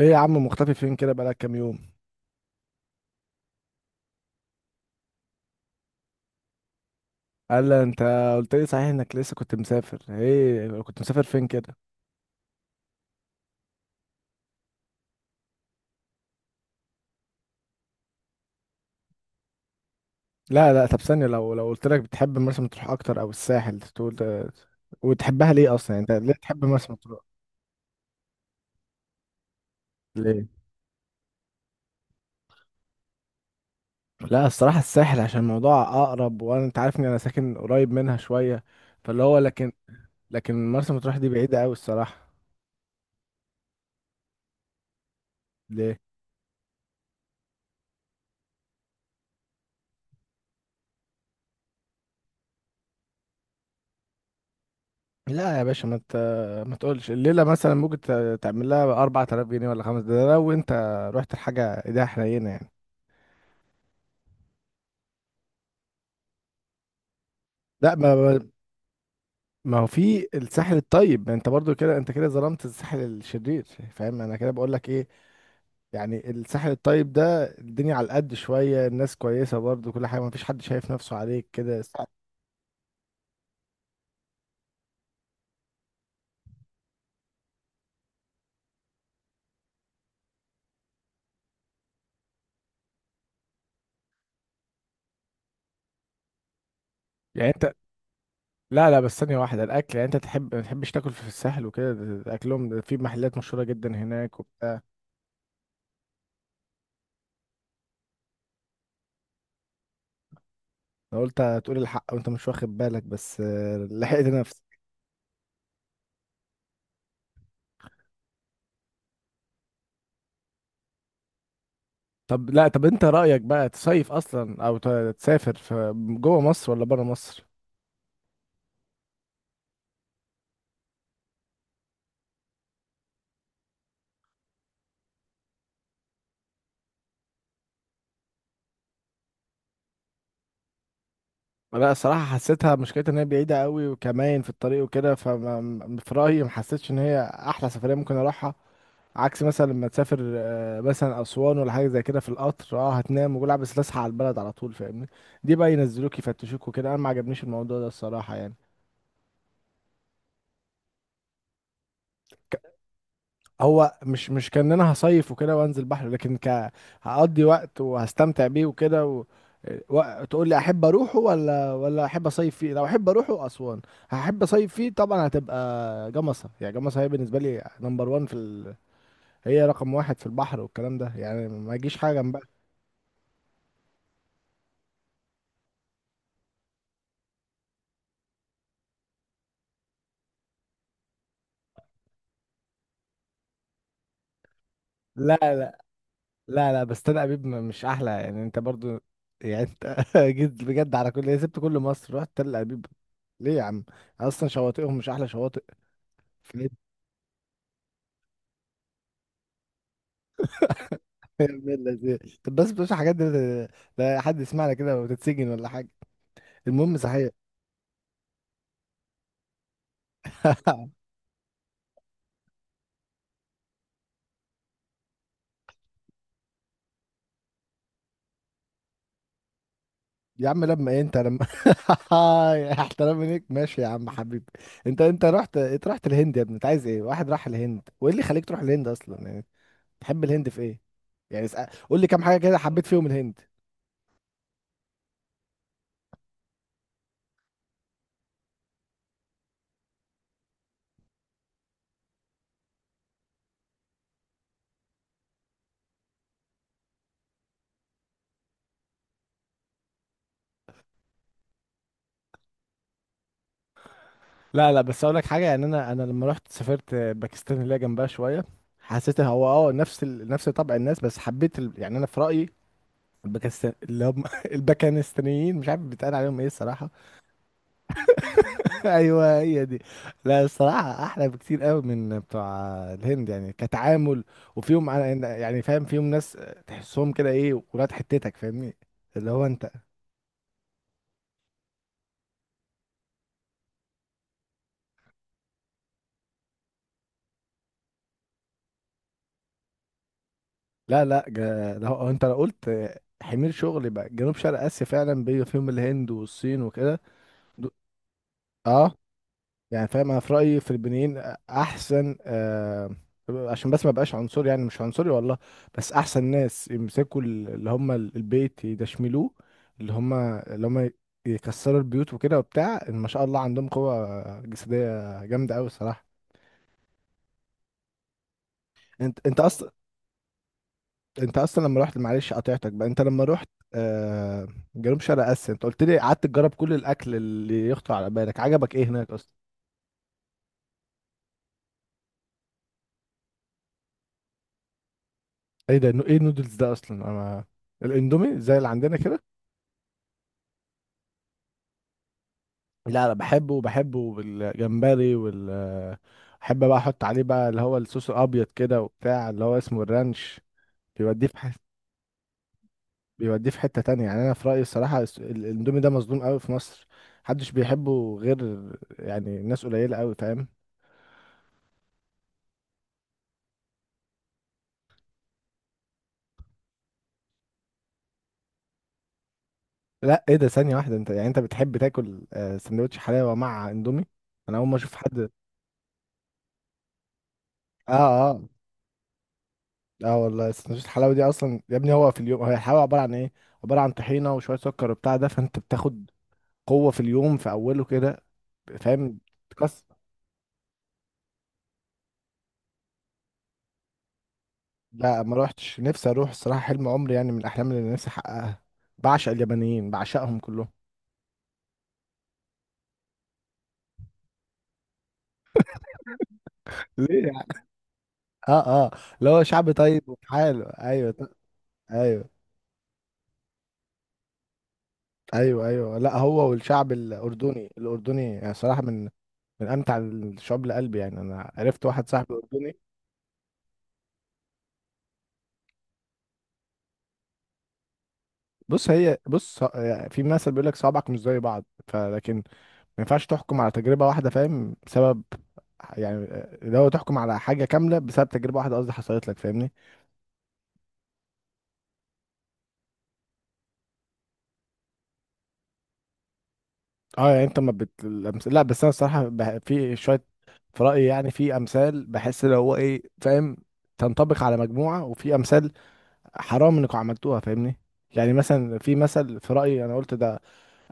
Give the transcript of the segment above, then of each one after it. ايه يا عم مختفي فين كده بقالك كام يوم؟ قال لي انت قلت لي صحيح انك لسه كنت مسافر، ايه كنت مسافر فين كده؟ لا لا، طب ثانيه لو قلت لك بتحب مرسى مطروح اكتر او الساحل تقول وتحبها ليه اصلا؟ يعني انت ليه تحب مرسى مطروح؟ ليه؟ لا الصراحه الساحل عشان الموضوع اقرب، وانا انت عارف ان انا ساكن قريب منها شويه، فاللي هو لكن، لكن مرسى مطروح دي بعيده قوي الصراحه. ليه؟ لا يا باشا ما تقولش الليله مثلا ممكن تعمل لها 4000 جنيه ولا 5، ده لو انت رحت لحاجه ايديها حنينه يعني. لا، ما هو في الساحل الطيب، ما انت برضو كده، انت كده ظلمت الساحل الشرير. فاهم انا كده بقول لك ايه؟ يعني الساحل الطيب ده الدنيا على قد شويه، الناس كويسه برضو، كل حاجه ما فيش حد شايف نفسه عليك كده. يعني انت، لا لا، بس ثانيه واحده، الاكل يعني انت تحب ما تحبش تاكل في الساحل وكده، ده اكلهم ده في محلات مشهوره جدا هناك وبتاع. انا قلت هتقول الحق وانت مش واخد بالك بس لحقت نفسي. طب لا، طب انت رأيك بقى تصيف اصلا او تسافر في جوه مصر ولا بره مصر؟ لا صراحة حسيتها مشكلتها ان هي بعيدة قوي، وكمان في الطريق وكده، فما في رأيي ما حسيتش ان هي احلى سفرية ممكن اروحها. عكس مثلا لما تسافر مثلا اسوان ولا حاجة زي كده في القطر، اه هتنام وجولع بس تصحى على البلد على طول، فاهمني؟ دي بقى ينزلوك يفتشوك وكده، انا ما عجبنيش الموضوع ده الصراحة يعني. هو مش كان انا هصيف وكده وانزل بحر، لكن ك هقضي وقت وهستمتع بيه وكده تقول لي احب اروحه ولا احب اصيف فيه، لو احب اروحه اسوان هحب اصيف فيه طبعا. هتبقى جمصة، يعني جمصة هي بالنسبة لي نمبر وان في هي رقم واحد في البحر والكلام ده، يعني ما يجيش حاجة جنبها. لا لا لا لا، بس انا ابيب مش احلى، يعني انت برضو يعني انت جيت بجد على كل سبت كل مصر رحت تل ابيب؟ ليه يا عم؟ اصلا شواطئهم مش احلى شواطئ. يا ابن اللذين. طب بس بلاش الحاجات دي، لا حد يسمعنا كده وتتسجن ولا حاجه. المهم صحيح. يا عم لما ايه انت لما احترام ليك ماشي يا عم حبيبي. انت رحت، انت رحت الهند يا ابني، انت عايز ايه؟ واحد راح الهند! وايه اللي خليك تروح الهند اصلا يعني؟ تحب الهند في ايه؟ يعني قول لي كام حاجه كده حبيت فيهم الهند. لا لا، بس اقول لك حاجه، يعني انا لما رحت سافرت باكستان اللي هي جنبها شويه، حسيت هو اه نفس نفس طبع الناس، بس حبيت يعني انا في رايي الباكستان اللي هم الباكستانيين، مش عارف بيتقال عليهم ايه الصراحه. ايوه هي دي. لا الصراحه احلى بكتير قوي من بتوع الهند يعني كتعامل، وفيهم يعني فاهم، فيهم ناس تحسهم كده ايه ولاد حتتك، فاهمني؟ اللي هو انت. لا لا ده هو انت لو قلت حمير شغل يبقى جنوب شرق اسيا فعلا، بيبقى فيهم الهند والصين وكده. دو- اه. يعني فاهم انا في رايي في البنين احسن، عشان بس ما بقاش عنصري، يعني مش عنصري والله، بس احسن ناس يمسكوا اللي هم البيت يدشملوه، اللي هم يكسروا البيوت وكده وبتاع. إن ما شاء الله عندهم قوة جسدية جامدة قوي الصراحة. انت انت اصلا انت اصلا لما رحت، معلش قطعتك بقى، انت لما رحت آه جنوب شرق اسيا انت قلت لي قعدت تجرب كل الاكل اللي يخطر على بالك، عجبك ايه هناك اصلا؟ ايه ده؟ ايه النودلز ده اصلا؟ انا الاندومي زي اللي عندنا كده. لا لا، بحبه بالجمبري وال، بحب بقى احط عليه بقى اللي هو الصوص الابيض كده وبتاع اللي هو اسمه الرانش. بيوديه في حته بيوديه في حته تانية، يعني انا في رايي الصراحه الاندومي ده مظلوم قوي في مصر، محدش بيحبه غير، يعني ناس قليله قوي، فاهم؟ لا ايه ده، ثانيه واحده، انت يعني انت بتحب تاكل سندوتش حلاوه مع اندومي؟ انا اول ما اشوف حد اه. اه، اه والله سندوتش الحلاوه دي اصلا يا ابني، هو في اليوم هي الحلاوه عباره عن ايه؟ عباره عن طحينه وشويه سكر وبتاع، ده فانت بتاخد قوة في اليوم في أوله كده، فاهم؟ تكسر. لا ما روحتش، نفسي أروح الصراحة، حلم عمري يعني من الأحلام اللي نفسي أحققها، بعشق اليابانيين بعشقهم كلهم. ليه يعني؟ اه اه، اللي هو شعب طيب وحاله، ايوه. ايوه ايوه، ايوه لا هو، والشعب الاردني، الاردني يعني صراحه من من امتع الشعوب لقلبي، يعني انا عرفت واحد صاحبي اردني. بص هي بص، في مثل بيقول لك صوابعك مش زي بعض، فلكن ما ينفعش تحكم على تجربة واحدة، فاهم؟ بسبب يعني، لو تحكم على حاجة كاملة بسبب تجربة واحدة قصدي حصلت لك، فاهمني؟ اه يعني انت ما بت... لا بس انا الصراحة في شوية في رأيي، يعني في امثال بحس لو هو ايه، فاهم، تنطبق على مجموعة، وفي امثال حرام انكم عملتوها، فاهمني؟ يعني مثلا في مثل في رأيي انا قلت ده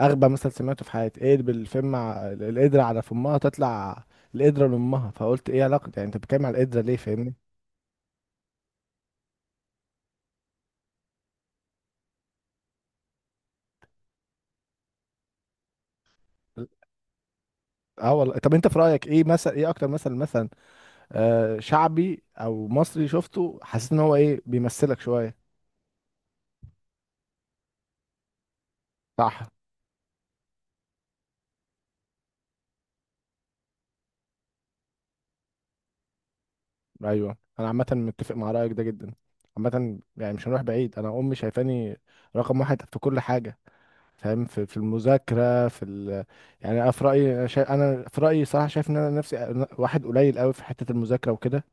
اغبى مثل سمعته في حياتي، ايه بالفم القدرة على فمها تطلع القدرة لامها، فقلت ايه علاقة، يعني انت بتتكلم على القدرة ليه، فاهمني؟ اه والله، طب انت في رايك ايه مثلا، ايه اكتر مثلا مثلا شعبي او مصري شفته حسيت ان هو ايه بيمثلك شويه؟ صح. ايوه انا عامه متفق مع رايك ده جدا، عامه يعني مش هنروح بعيد، انا امي شايفاني رقم واحد في كل حاجه، فاهم؟ في في المذاكره في يعني انا في رايي انا انا في رايي صراحه شايف ان انا نفسي واحد قليل قوي في حته المذاكره وكده.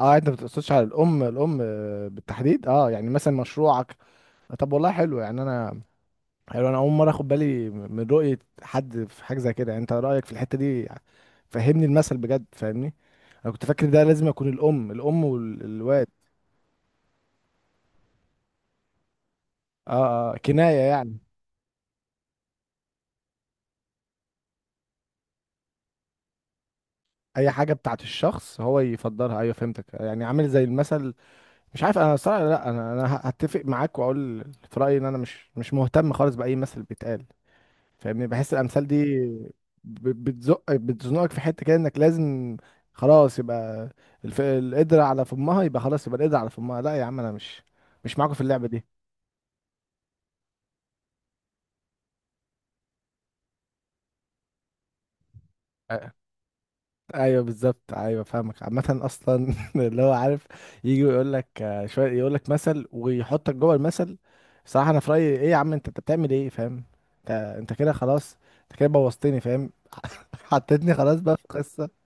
اه انت ما بتقصدش على الام، الام بالتحديد، اه يعني مثلا مشروعك. طب والله حلو، يعني انا، حلو انا اول مره اخد بالي من رؤيه حد في حاجه زي كده، يعني انت رايك في الحته دي، فهمني المثل بجد فاهمني. انا كنت فاكر ده لازم يكون الام، الام والواد. اه اه كنايه يعني. اي حاجه بتاعت الشخص هو يفضلها، ايوه فهمتك يعني عامل زي المثل. مش عارف انا صراحه، لا انا هتفق معاك واقول في رايي ان انا مش مهتم خالص باي مثل بيتقال، فاهمني؟ بحس الامثال دي بتزنقك في حته كده انك لازم خلاص يبقى القدرة على فمها يبقى خلاص يبقى القدرة على فمها، لا يا عم انا مش معاكم في اللعبه دي. أ- ايوه بالظبط، ايوه فاهمك، عامه اصلا اللي هو عارف يجي يقول لك شويه، يقول لك مثل ويحطك جوه المثل، صراحه انا في رايي ايه يا عم، انت انت بتعمل ايه فاهم؟ انت كده خلاص، انت كده بوظتني، فاهم؟ حطيتني خلاص بقى في قصه.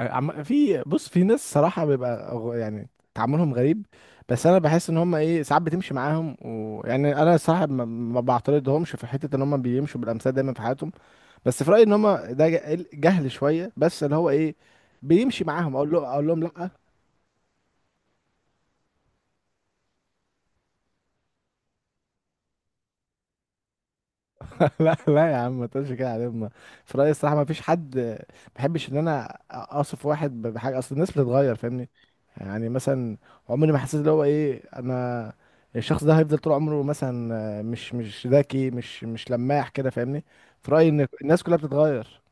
في بص، في ناس صراحة بيبقى يعني تعاملهم غريب، بس انا بحس ان هم ايه ساعات بتمشي معاهم، ويعني انا صراحة ما بعترضهمش في حتة ان هم بيمشوا بالامثال دايما في حياتهم، بس في رأيي ان هم ده جهل شوية، بس اللي هو ايه، بيمشي معاهم اقول له اقول لهم لا. لا لا يا عم ما تقولش كده، على ما في رأيي الصراحة ما فيش حد، ما بحبش ان انا اصف واحد بحاجة، اصل الناس بتتغير فاهمني؟ يعني مثلا عمري ما حسيت اللي هو ايه، انا الشخص ده هيفضل طول عمره مثلا مش ذكي، مش لماح كده فاهمني، في رأيي ان الناس كلها بتتغير.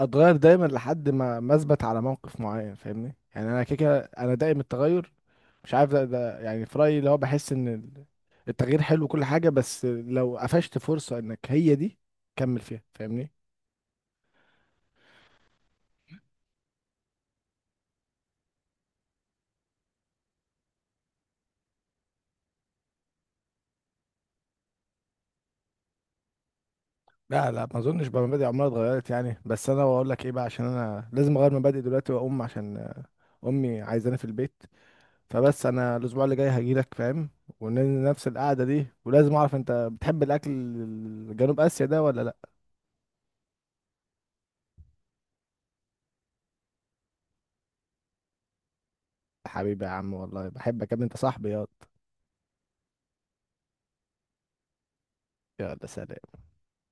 اتغير دايما لحد ما اثبت على موقف معين فاهمني، يعني انا كده كده انا دائم التغير، مش عارف ده يعني في رأيي اللي هو بحس ان التغيير حلو وكل حاجة، بس لو قفشت فرصة انك هي دي كمل فيها، فاهمني؟ لا لا ما اظنش، بقى مبادئي عمرها اتغيرت يعني، بس انا بقول لك ايه بقى، عشان انا لازم اغير مبادئي دلوقتي واقوم، عشان امي عايزاني في البيت، فبس انا الاسبوع اللي جاي هجيلك، فاهم؟ ونفس القعدة دي، ولازم اعرف انت بتحب الاكل الجنوب اسيا ده ولا لا. حبيبي يا عم والله بحبك يا ابني، انت صاحبي ياض. يلا سلام.